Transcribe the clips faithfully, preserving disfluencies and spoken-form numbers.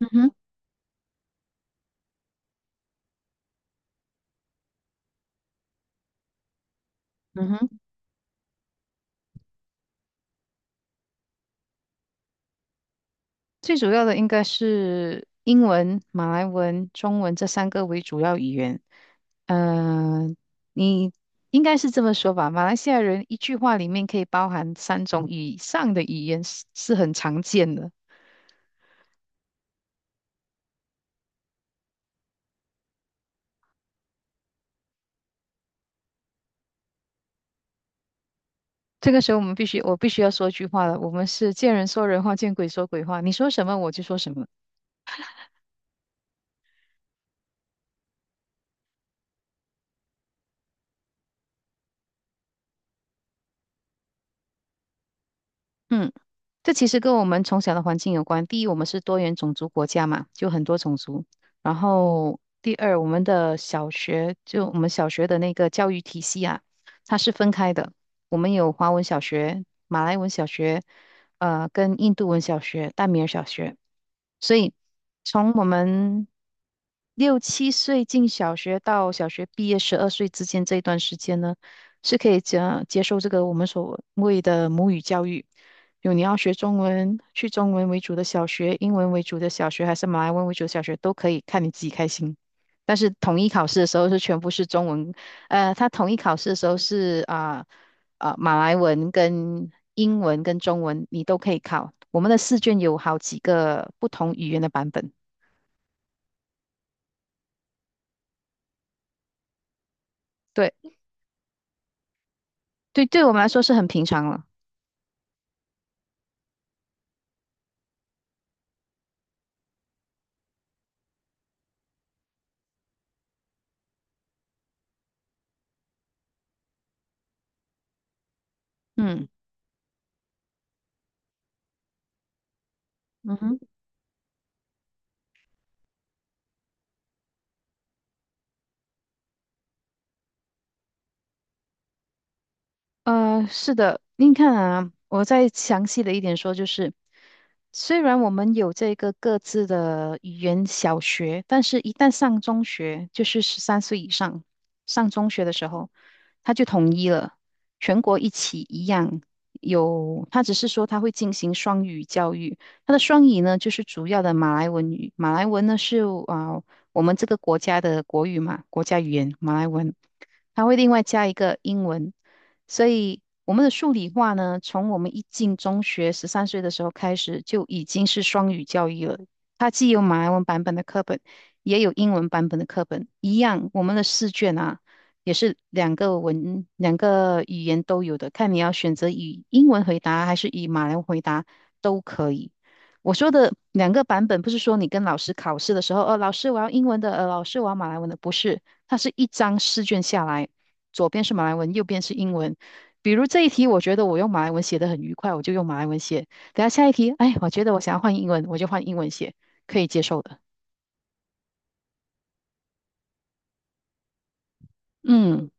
嗯哼，嗯哼，最主要的应该是英文、马来文、中文这三个为主要语言。嗯、你应该是这么说吧？马来西亚人一句话里面可以包含三种以上的语言是是很常见的。这个时候我们必须，我必须要说一句话了。我们是见人说人话，见鬼说鬼话。你说什么我就说什么。嗯，这其实跟我们从小的环境有关。第一，我们是多元种族国家嘛，就很多种族。然后第二，我们的小学，就我们小学的那个教育体系啊，它是分开的。我们有华文小学、马来文小学，呃，跟印度文小学、大米尔小学。所以从我们六七岁进小学到小学毕业十二岁之间这一段时间呢，是可以接接受这个我们所谓的母语教育。有你要学中文，去中文为主的小学、英文为主的小学，还是马来文为主的小学，都可以，看你自己开心。但是统一考试的时候是全部是中文，呃，他统一考试的时候是啊啊、马来文跟英文跟中文你都可以考。我们的试卷有好几个不同语言的版本，对，对，对我们来说是很平常了。嗯，嗯哼。呃，是的，您看啊，我再详细的一点说，就是虽然我们有这个各自的语言小学，但是一旦上中学，就是十三岁以上上中学的时候，他就统一了，全国一起一样有。他只是说他会进行双语教育，他的双语呢，就是主要的马来文语，马来文呢是啊、呃我们这个国家的国语嘛，国家语言马来文，他会另外加一个英文。所以我们的数理化呢，从我们一进中学十三岁的时候开始，就已经是双语教育了。它既有马来文版本的课本，也有英文版本的课本。一样，我们的试卷啊，也是两个文，两个语言都有的，看你要选择以英文回答还是以马来文回答都可以。我说的两个版本，不是说你跟老师考试的时候，呃，老师我要英文的，呃，老师我要马来文的，不是，它是一张试卷下来。左边是马来文，右边是英文，比如这一题，我觉得我用马来文写的很愉快，我就用马来文写。等下下一题，哎，我觉得我想要换英文，我就换英文写，可以接受的。嗯。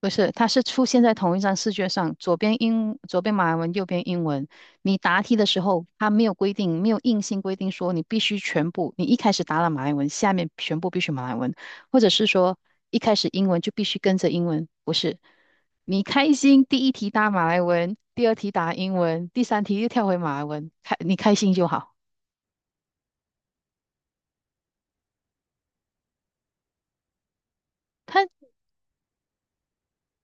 不是，它是出现在同一张试卷上，左边英，左边马来文，右边英文。你答题的时候，它没有规定，没有硬性规定说你必须全部，你一开始答了马来文，下面全部必须马来文，或者是说一开始英文就必须跟着英文，不是。你开心，第一题答马来文，第二题答英文，第三题又跳回马来文，开你开心就好。它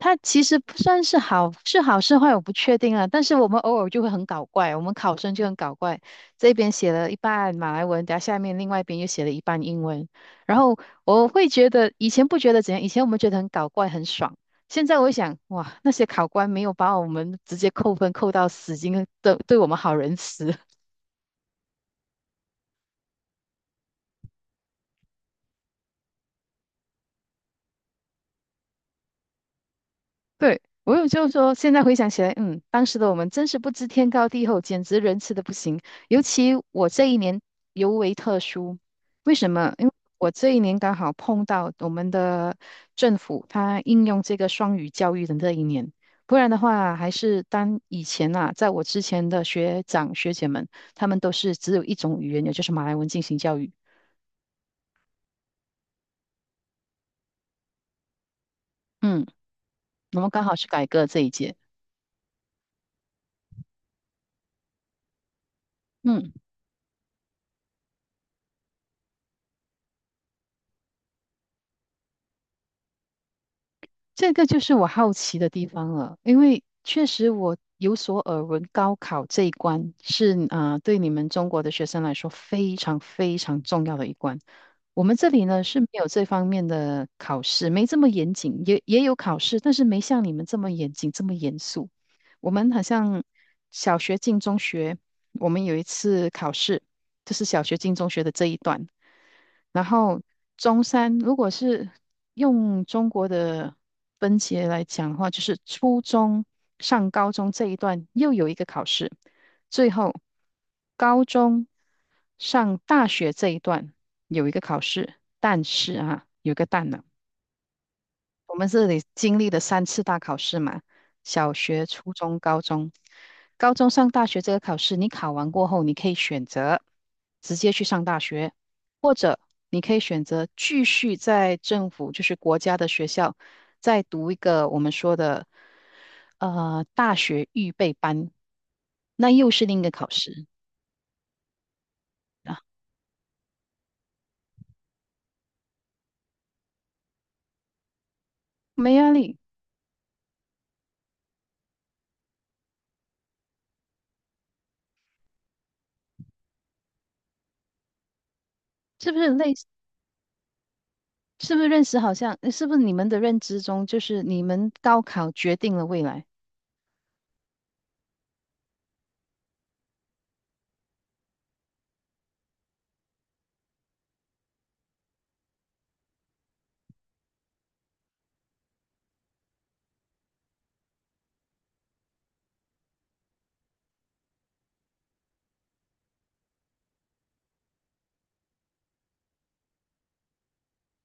它其实不算是好，是好是坏我不确定啊。但是我们偶尔就会很搞怪，我们考生就很搞怪，这边写了一半马来文，等下下面另外一边又写了一半英文。然后我会觉得以前不觉得怎样，以前我们觉得很搞怪很爽，现在我会想，哇，那些考官没有把我们直接扣分扣到死，已经对对我们好仁慈。对，我有就是说，现在回想起来，嗯，当时的我们真是不知天高地厚，简直仁慈的不行。尤其我这一年尤为特殊，为什么？因为我这一年刚好碰到我们的政府，它应用这个双语教育的那一年，不然的话，还是当以前啊，在我之前的学长学姐们，他们都是只有一种语言，也就是马来文进行教育。嗯，我们刚好是改革这一届。嗯。这个就是我好奇的地方了，因为确实我有所耳闻，高考这一关是啊、呃对你们中国的学生来说非常非常重要的一关。我们这里呢是没有这方面的考试，没这么严谨，也也有考试，但是没像你们这么严谨，这么严肃。我们好像小学进中学，我们有一次考试，就是小学进中学的这一段，然后中山如果是用中国的分节来讲的话，就是初中上高中这一段又有一个考试，最后高中上大学这一段有一个考试，但是啊，有个个但我们这里经历了三次大考试嘛，小学、初中、高中。高中上大学这个考试，你考完过后，你可以选择直接去上大学，或者你可以选择继续在政府，就是国家的学校，再读一个我们说的呃大学预备班，那又是另一个考试啊，没压力，是不是类似？是不是认识好像？是不是你们的认知中，就是你们高考决定了未来？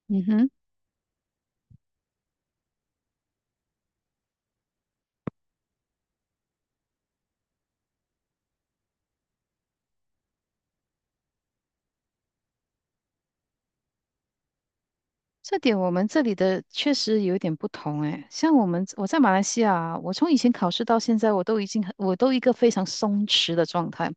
嗯哼。这点我们这里的确实有点不同诶，像我们我在马来西亚啊我从以前考试到现在，我都已经很我都一个非常松弛的状态。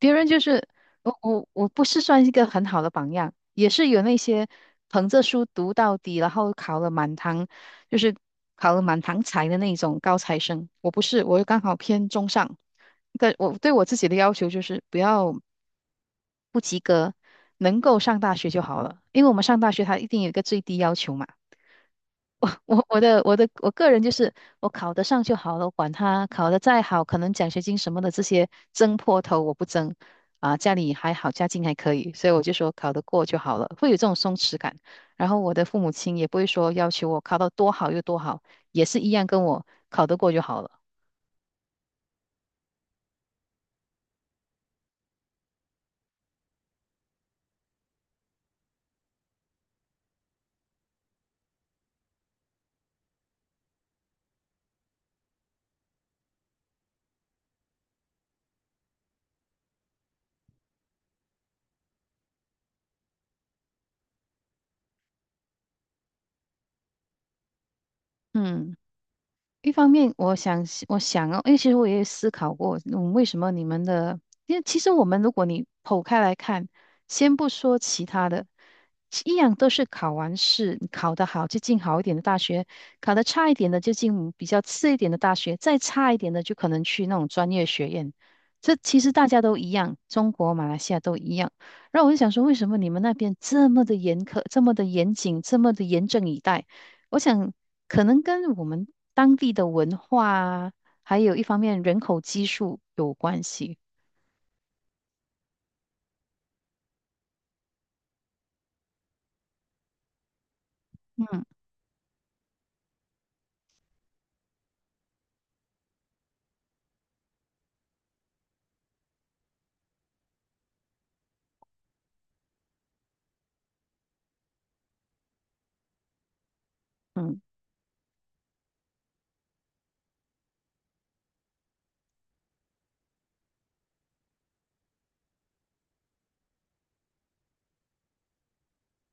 别人就是我我我不是算一个很好的榜样，也是有那些捧着书读到底，然后考了满堂，就是考了满堂才的那种高材生。我不是，我刚好偏中上。但我对我自己的要求就是不要不及格，能够上大学就好了，因为我们上大学它一定有一个最低要求嘛。我我的我的我个人就是我考得上就好了，我管他考得再好，可能奖学金什么的这些争破头我不争啊，家里还好，家境还可以，所以我就说考得过就好了，会有这种松弛感。然后我的父母亲也不会说要求我考到多好又多好，也是一样跟我考得过就好了。嗯。一方面，我想是我想哦，因为其实我也思考过，嗯，为什么你们的，因为其实我们如果你剖开来看，先不说其他的，一样都是考完试，你考得好就进好一点的大学，考得差一点的就进比较次一点的大学，再差一点的就可能去那种专业学院。这其实大家都一样，中国、马来西亚都一样。然后我就想说，为什么你们那边这么的严苛，这么的严谨，这么的严阵以待？我想可能跟我们当地的文化啊，还有一方面人口基数有关系。嗯，嗯，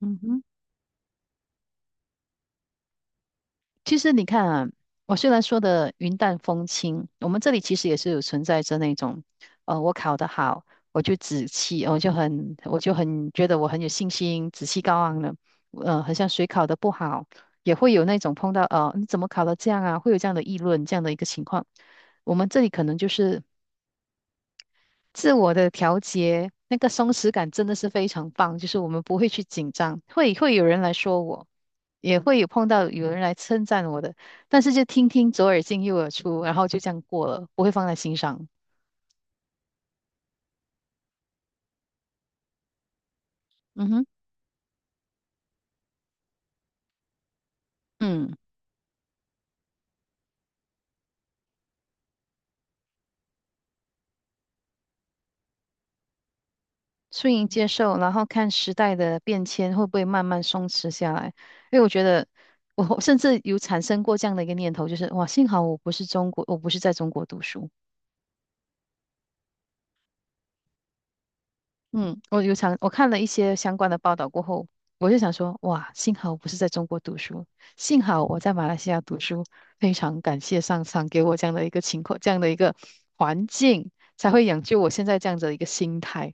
嗯哼，其实你看啊，我虽然说的云淡风轻，我们这里其实也是有存在着那种，呃，我考得好，我就紫气，我就很，我就很觉得我很有信心，紫气高昂了。呃，很像谁考得不好，也会有那种碰到，呃，你怎么考得这样啊？会有这样的议论，这样的一个情况。我们这里可能就是。自我的调节，那个松弛感真的是非常棒，就是我们不会去紧张，会会有人来说我，也会有碰到有人来称赞我的，但是就听听左耳进右耳出，然后就这样过了，不会放在心上。嗯哼，嗯，顺应接受，然后看时代的变迁会不会慢慢松弛下来，因为我觉得。我甚至有产生过这样的一个念头，就是哇，幸好我不是中国，我不是在中国读书。嗯，我有想，我看了一些相关的报道过后，我就想说，哇，幸好我不是在中国读书，幸好我在马来西亚读书，非常感谢上苍给我这样的一个情况，这样的一个环境，才会养就我现在这样子的一个心态。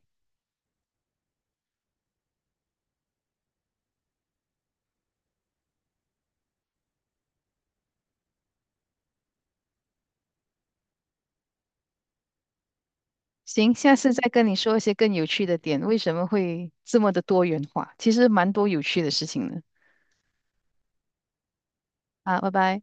行，下次再跟你说一些更有趣的点，为什么会这么的多元化？其实蛮多有趣的事情的。啊，拜拜。